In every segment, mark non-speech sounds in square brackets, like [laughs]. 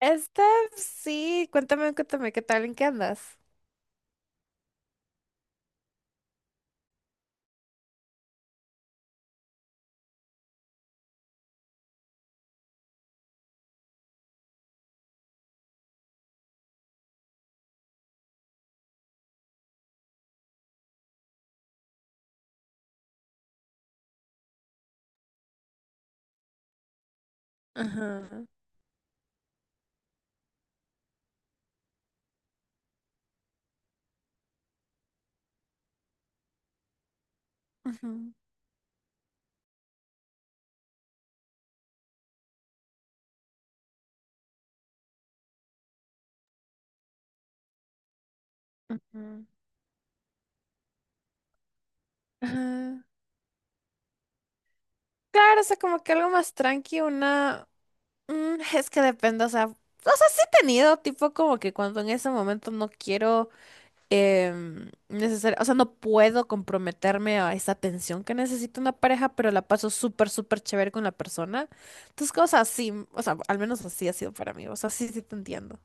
este sí, cuéntame, cuéntame, ¿qué tal? ¿En qué andas? Ajá, ajá, ajá, ajá. Claro, o sea, como que algo más tranqui, una. Es que depende, o sea, sí he tenido, tipo, como que cuando en ese momento no quiero. Necesaria, o sea, no puedo comprometerme a esa atención que necesita una pareja, pero la paso súper, súper chévere con la persona. Entonces, cosas así, o sea, al menos así ha sido para mí, o sea, sí, sí te entiendo.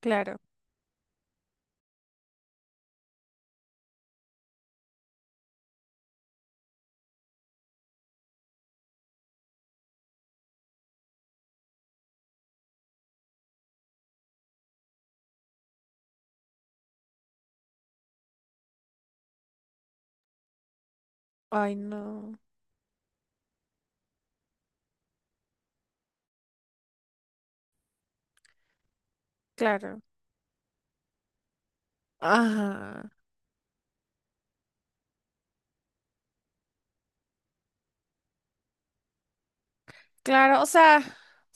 Claro. Ay, no. Claro. Ajá. Claro, o sea,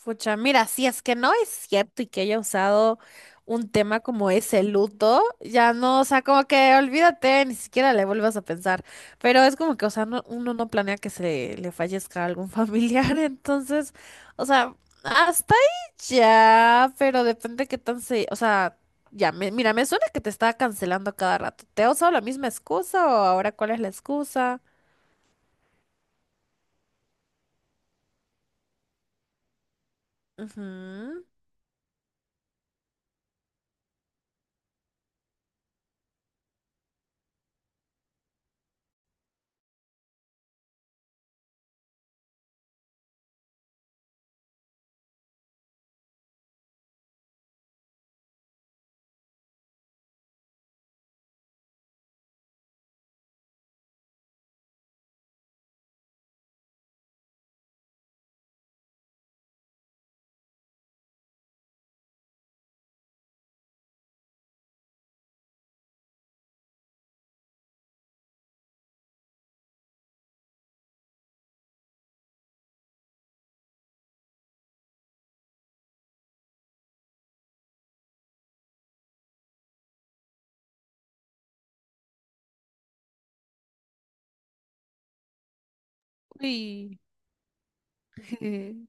pucha, mira, si es que no es cierto y que haya usado un tema como ese luto, ya no, o sea, como que olvídate, ni siquiera le vuelvas a pensar. Pero es como que, o sea, uno no planea que se le fallezca a algún familiar, [laughs] entonces, o sea, hasta ahí ya, pero depende qué tan o sea, ya, mira, me suena que te está cancelando a cada rato. ¿Te ha usado la misma excusa o ahora cuál es la excusa? Ujú. Uy. [laughs]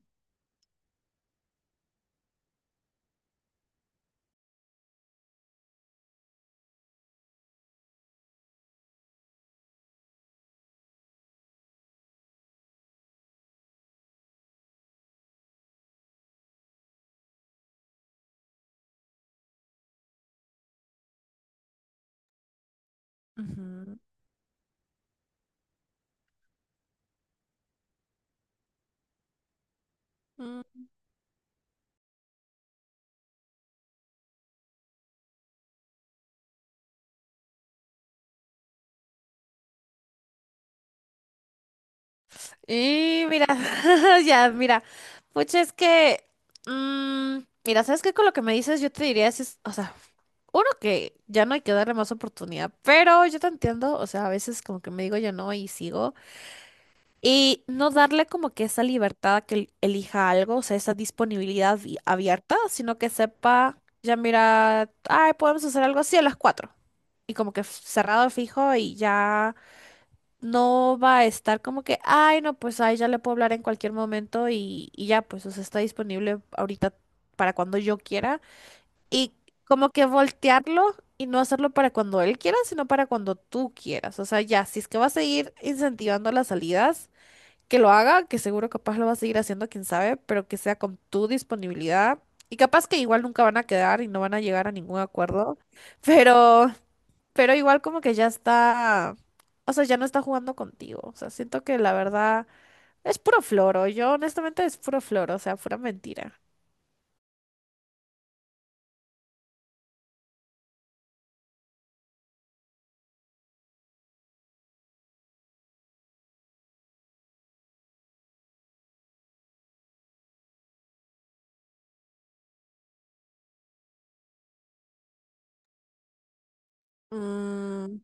Ujú. Mm. Y mira, [laughs] ya, mira, pucha, es que, mm, mira, ¿sabes qué? Con lo que me dices, yo te diría, si es, o sea, uno que ya no hay que darle más oportunidad, pero yo te entiendo, o sea, a veces como que me digo yo no y sigo. Y no darle como que esa libertad a que elija algo, o sea, esa disponibilidad abierta, sino que sepa, ya mira, ay, podemos hacer algo así a las 4. Y como que cerrado fijo y ya no va a estar como que, ay, no, pues ay, ya le puedo hablar en cualquier momento y ya, pues, o sea, está disponible ahorita para cuando yo quiera. Y como que voltearlo y no hacerlo para cuando él quiera, sino para cuando tú quieras. O sea, ya, si es que va a seguir incentivando las salidas que lo haga, que seguro capaz lo va a seguir haciendo, quién sabe, pero que sea con tu disponibilidad. Y capaz que igual nunca van a quedar y no van a llegar a ningún acuerdo, pero, pero igual como que ya está, o sea, ya no está jugando contigo. O sea, siento que la verdad es puro floro. Yo honestamente es puro floro, o sea, pura mentira. Mm,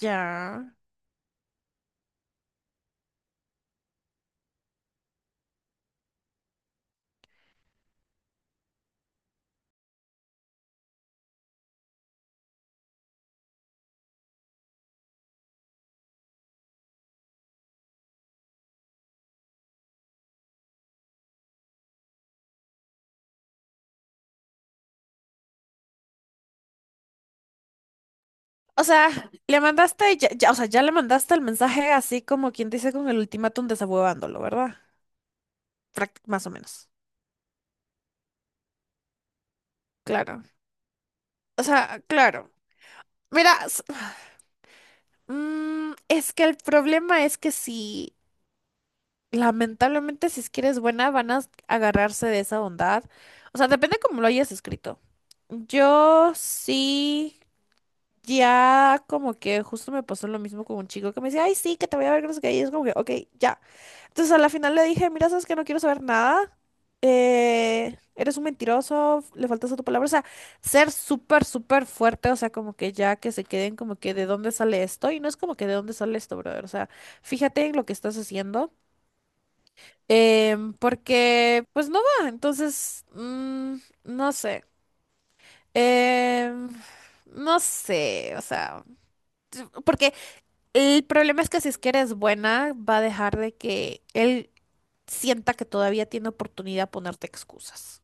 ya. O sea, le mandaste, o sea, ya le mandaste el mensaje así como quien dice con el ultimátum desahuevándolo, ¿verdad? Más o menos. Claro. O sea, claro. Mira, es que el problema es que si, lamentablemente, si es que eres buena, van a agarrarse de esa bondad. O sea, depende cómo lo hayas escrito. Yo sí, ya como que justo me pasó lo mismo con un chico que me decía, ay, sí, que te voy a ver, que no sé qué", y es como que, ok, ya. Entonces a la final le dije, mira, sabes que no quiero saber nada. Eres un mentiroso, le faltas a tu palabra. O sea, ser súper, súper fuerte. O sea, como que ya que se queden como que de dónde sale esto. Y no es como que de dónde sale esto, brother. O sea, fíjate en lo que estás haciendo. Porque, pues no va. Entonces, no sé. em, no sé. O sea, porque el problema es que si es que eres buena, va a dejar de que él sienta que todavía tiene oportunidad de ponerte excusas.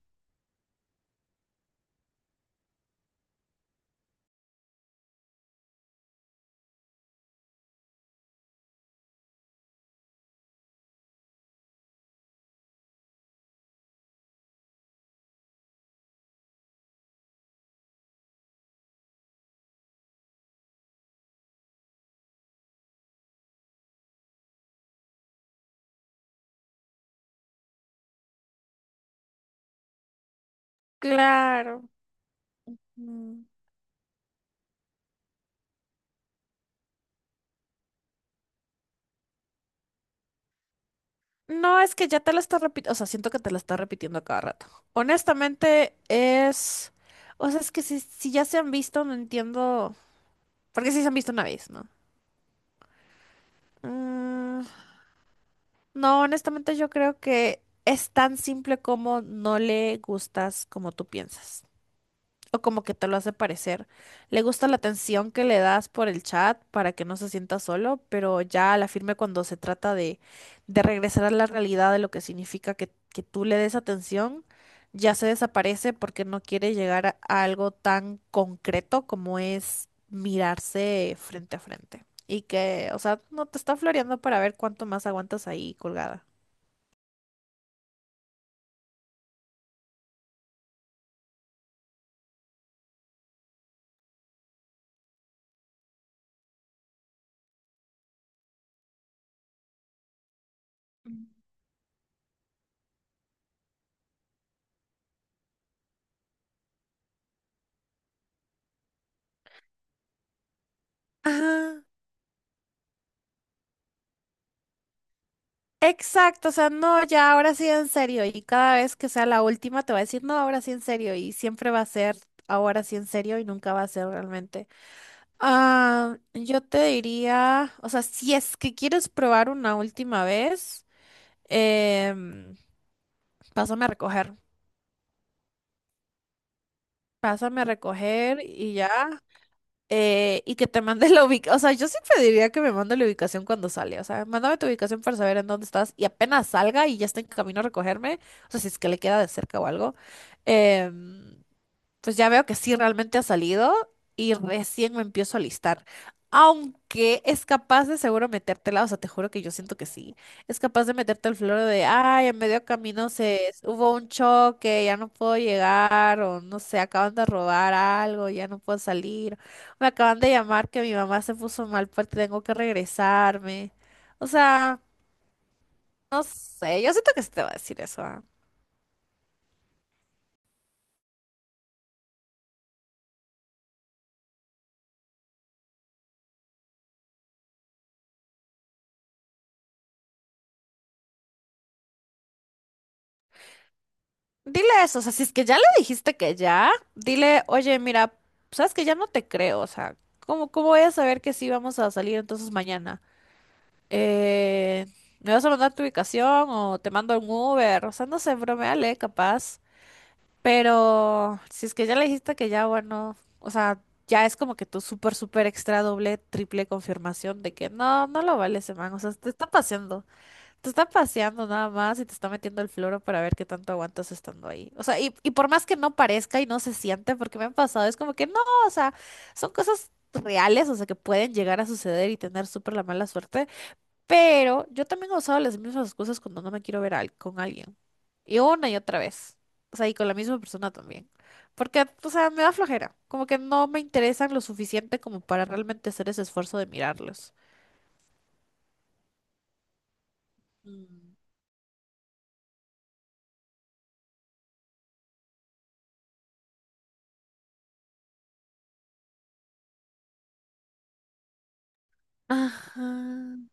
Claro. Mm. No, es que ya te la estás repitiendo, o sea, siento que te la estás repitiendo a cada rato. Honestamente, es. O sea, es que si ya se han visto, no entiendo. Porque si se han visto una vez, ¿no? Mm, no, honestamente yo creo que es tan simple como no le gustas como tú piensas. O como que te lo hace parecer. Le gusta la atención que le das por el chat para que no se sienta solo, pero ya a la firme cuando se trata de regresar a la realidad de lo que significa que tú le des atención, ya se desaparece porque no quiere llegar a algo tan concreto como es mirarse frente a frente. Y que, o sea, no te está floreando para ver cuánto más aguantas ahí colgada. Ajá. Exacto, o sea, no, ya ahora sí en serio. Y cada vez que sea la última te va a decir, no, ahora sí en serio. Y siempre va a ser ahora sí en serio y nunca va a ser realmente. Ah, yo te diría, o sea, si es que quieres probar una última vez, em, pásame a recoger. Pásame a recoger y ya. Y que te mande la ubicación. O sea, yo sí pediría que me mande la ubicación cuando sale. O sea, mándame tu ubicación para saber en dónde estás y apenas salga y ya está en camino a recogerme. O sea, si es que le queda de cerca o algo. em, pues ya veo que sí realmente ha salido y recién me empiezo a listar. Aunque es capaz de seguro metértela, o sea, te juro que yo siento que sí. Es capaz de meterte el floro de, ay, en medio camino se hubo un choque, ya no puedo llegar, o no sé, acaban de robar algo, ya no puedo salir. Me acaban de llamar que mi mamá se puso mal, porque tengo que regresarme. O sea, no sé, yo siento que sí te va a decir eso. ¿Ah? Dile eso, o sea, si es que ya le dijiste que ya, dile, oye, mira, sabes que ya no te creo, o sea, ¿cómo voy a saber que sí vamos a salir entonces mañana? Eh, ¿Me vas a mandar tu ubicación o te mando un Uber? O sea, no sé, broméale, capaz. Pero si es que ya le dijiste que ya, bueno, o sea, ya es como que tu súper, súper extra doble, triple confirmación de que no, no lo vale ese man, o sea, te está paseando. Te está paseando nada más y te está metiendo el floro para ver qué tanto aguantas estando ahí. O sea, y por más que no parezca y no se siente, porque me han pasado, es como que no, o sea, son cosas reales, o sea, que pueden llegar a suceder y tener súper la mala suerte. Pero yo también he usado las mismas excusas cuando no me quiero ver con alguien. Y una y otra vez. O sea, y con la misma persona también. Porque, o sea, me da flojera. Como que no me interesan lo suficiente como para realmente hacer ese esfuerzo de mirarlos. Mm. Ajá.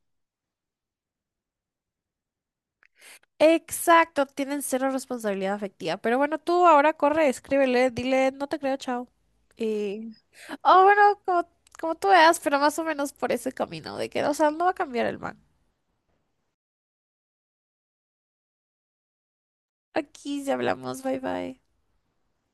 Exacto, tienen cero responsabilidad afectiva. Pero bueno, tú ahora corre, escríbele, dile, no te creo, chao. Y. Oh, bueno, como tú veas, pero más o menos por ese camino de que, o sea, no va a cambiar el man. Aquí ya hablamos, bye bye.